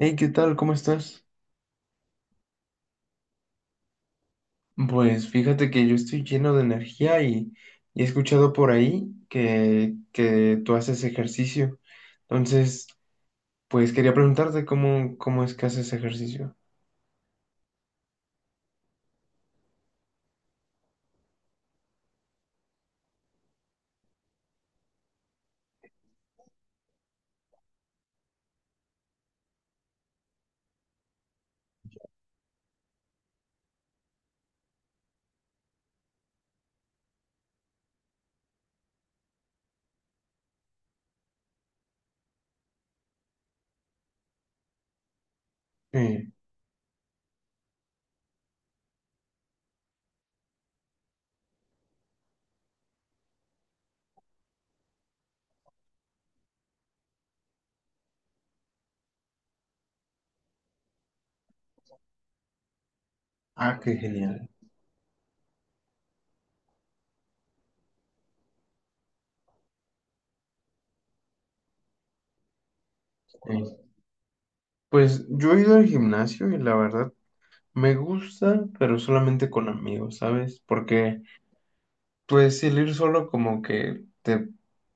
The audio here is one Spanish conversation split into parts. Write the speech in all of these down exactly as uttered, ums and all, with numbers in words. Hey, ¿qué tal? ¿Cómo estás? Pues fíjate que yo estoy lleno de energía y, y he escuchado por ahí que, que tú haces ejercicio. Entonces, pues quería preguntarte cómo, cómo es que haces ejercicio. Sí. Ah, qué genial. Sí. Pues yo he ido al gimnasio y la verdad me gusta, pero solamente con amigos, ¿sabes? Porque pues el ir solo como que te,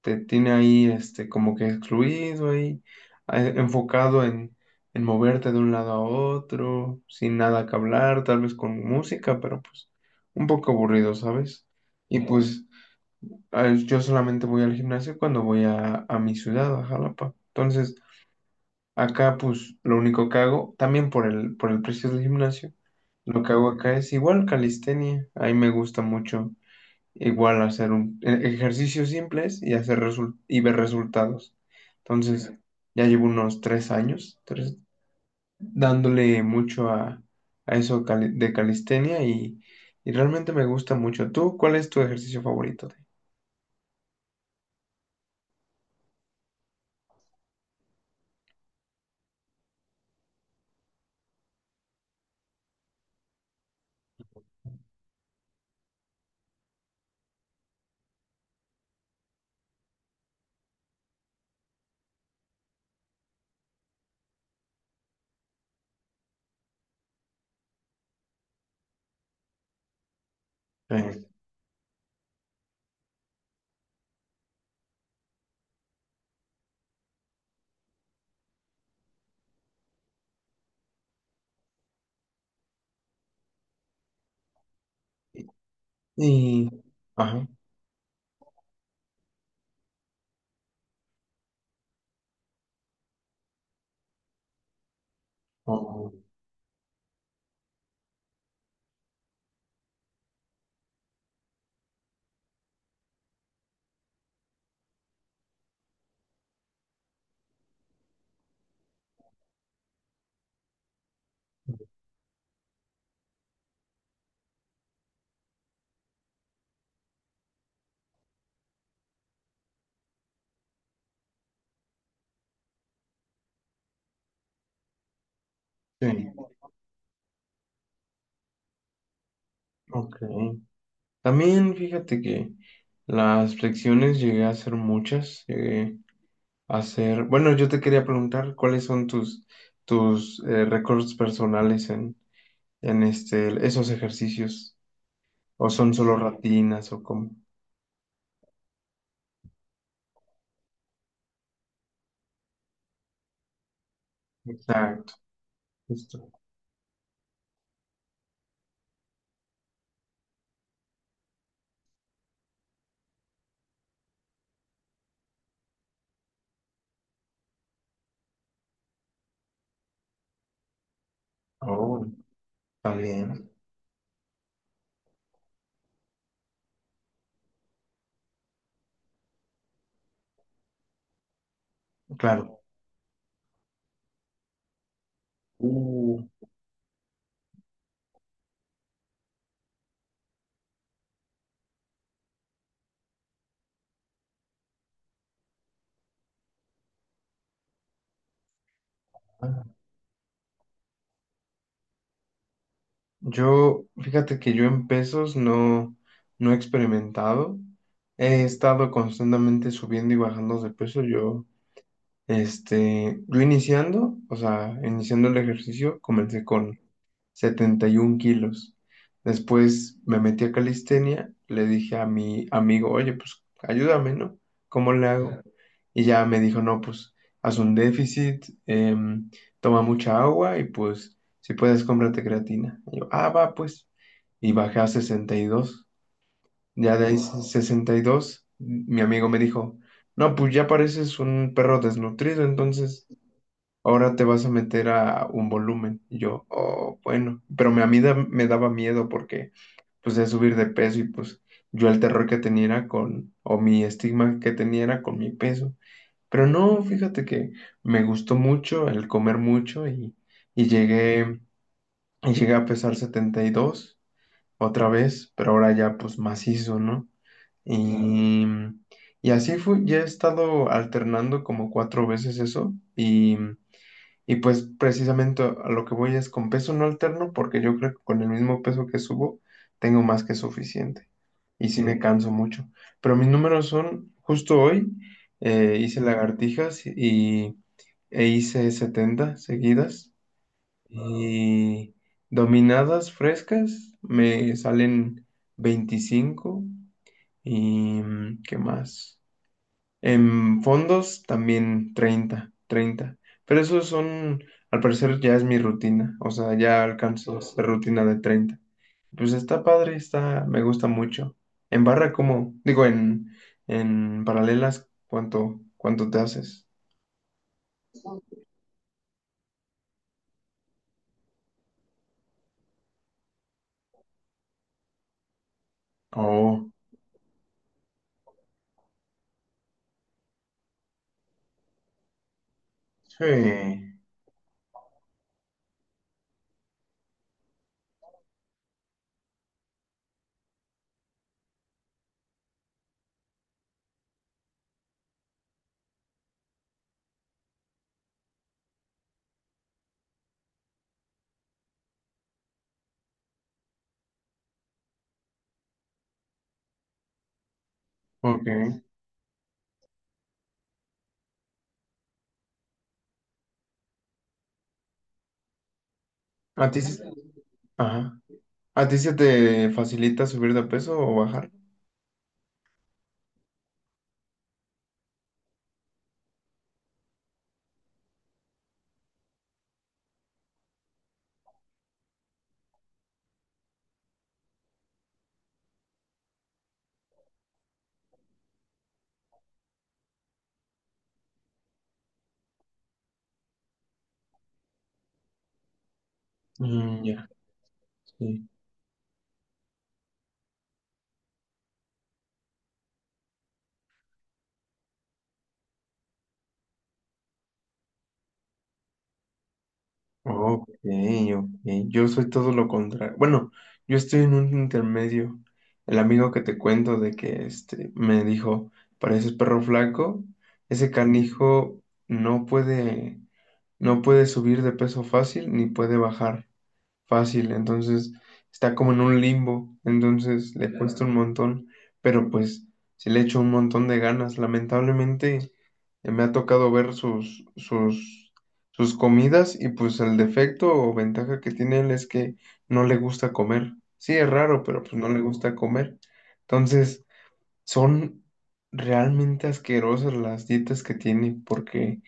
te tiene ahí, este, como que excluido ahí, a- enfocado en, en moverte de un lado a otro, sin nada que hablar, tal vez con música, pero pues un poco aburrido, ¿sabes? Y pues a- yo solamente voy al gimnasio cuando voy a, a mi ciudad, a Jalapa. Entonces, acá pues lo único que hago, también por el, por el precio del gimnasio, lo que hago acá es igual calistenia, ahí me gusta mucho. Igual hacer un, e- ejercicios simples y hacer resul- y ver resultados. Entonces, ya llevo unos tres años tres- dándole mucho a, a eso, cali- de calistenia, y, y realmente me gusta mucho. ¿Tú cuál es tu ejercicio favorito? Sí. Y... Ajá. Oh, sí. Ok. También fíjate que las flexiones llegué a hacer muchas. Llegué hacer. Bueno, yo te quería preguntar cuáles son tus, tus eh, récords personales en, en este, esos ejercicios. ¿O son solo rutinas o cómo? Exacto. Justo. Oh, está bien. Claro. Uh, ah. Yo, fíjate que yo en pesos no, no he experimentado. He estado constantemente subiendo y bajando de peso. Yo, este, yo iniciando, o sea, iniciando el ejercicio, comencé con setenta y un kilos. Después me metí a calistenia, le dije a mi amigo, oye, pues ayúdame, ¿no? ¿Cómo le hago? Claro. Y ya me dijo, no, pues haz un déficit, em, toma mucha agua y pues si puedes cómprate creatina. Y yo, ah, va, pues. Y bajé a sesenta y dos. Ya de ahí se- sesenta y dos, mi amigo me dijo, no, pues ya pareces un perro desnutrido, entonces ahora te vas a meter a un volumen. Y yo, oh, bueno, pero me- a mí, da- me daba miedo porque pues es subir de peso y pues yo, el terror que tenía era con, o mi estigma que tenía era con mi peso. Pero no, fíjate que me gustó mucho el comer mucho y, y llegué, y llegué a pesar setenta y dos otra vez, pero ahora ya pues macizo, ¿no? Claro. Y, y así fue, ya he estado alternando como cuatro veces eso. Y, y pues precisamente a lo que voy es con peso no alterno porque yo creo que con el mismo peso que subo tengo más que suficiente. Y sí me Mm. canso mucho. Pero mis números son, justo hoy, eh, hice lagartijas y, e hice setenta seguidas. Wow. Y dominadas frescas me salen veinticinco. ¿Y mm, qué más? En fondos también treinta treinta. Pero esos son, al parecer, ya es mi rutina, o sea, ya alcanzo esa rutina de treinta. Pues está padre, está, me gusta mucho. En barra, ¿cómo? Digo, en, en paralelas, ¿cuánto, ¿cuánto te haces? Oh, sí, ok. ¿A ti, se- ajá. ¿A ti se te facilita subir de peso o bajar? Mm, ya. Ok, ok. Yo soy todo lo contrario. Bueno, yo estoy en un intermedio. El amigo que te cuento de que este me dijo, pareces perro flaco, ese canijo no puede, no puede subir de peso fácil ni puede bajar fácil, entonces está como en un limbo, entonces le cuesta un montón, pero pues sí le echo un montón de ganas. Lamentablemente, eh, me ha tocado ver sus, sus, sus comidas y pues el defecto o ventaja que tiene él es que no le gusta comer. Sí, es raro, pero pues no le gusta comer. Entonces son realmente asquerosas las dietas que tiene porque...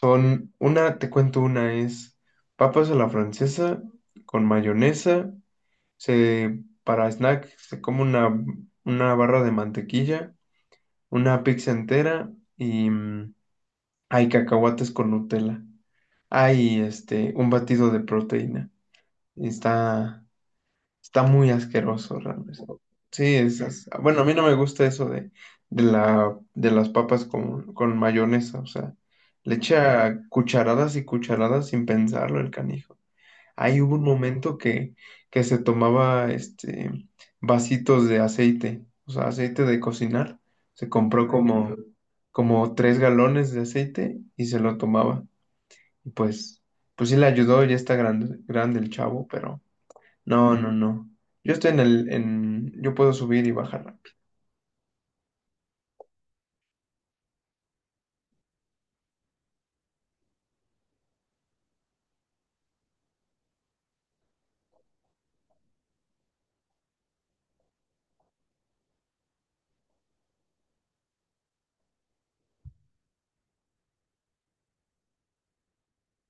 Son una, te cuento una, es papas a la francesa con mayonesa. Se, para snack se come una, una barra de mantequilla, una pizza entera y mm, hay cacahuates con Nutella. Hay este, un batido de proteína. Está, está muy asqueroso realmente. Sí, es, es- bueno, a mí no me gusta eso de, de la, de las papas con, con mayonesa, o sea, le echa cucharadas y cucharadas sin pensarlo el canijo. Ahí hubo un momento que, que se tomaba este, vasitos de aceite, o sea, aceite de cocinar. Se compró como, como tres galones de aceite y se lo tomaba. Y pues, pues sí le ayudó, ya está grande, grande el chavo, pero no, no, no. Yo estoy en el, en, yo puedo subir y bajar rápido.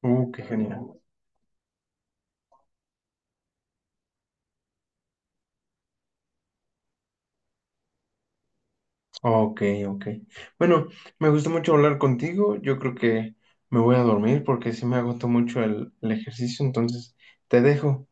Uh, qué genial. Ok, ok. Bueno, me gustó mucho hablar contigo. Yo creo que me voy a dormir porque sí me agotó mucho el, el ejercicio. Entonces, te dejo.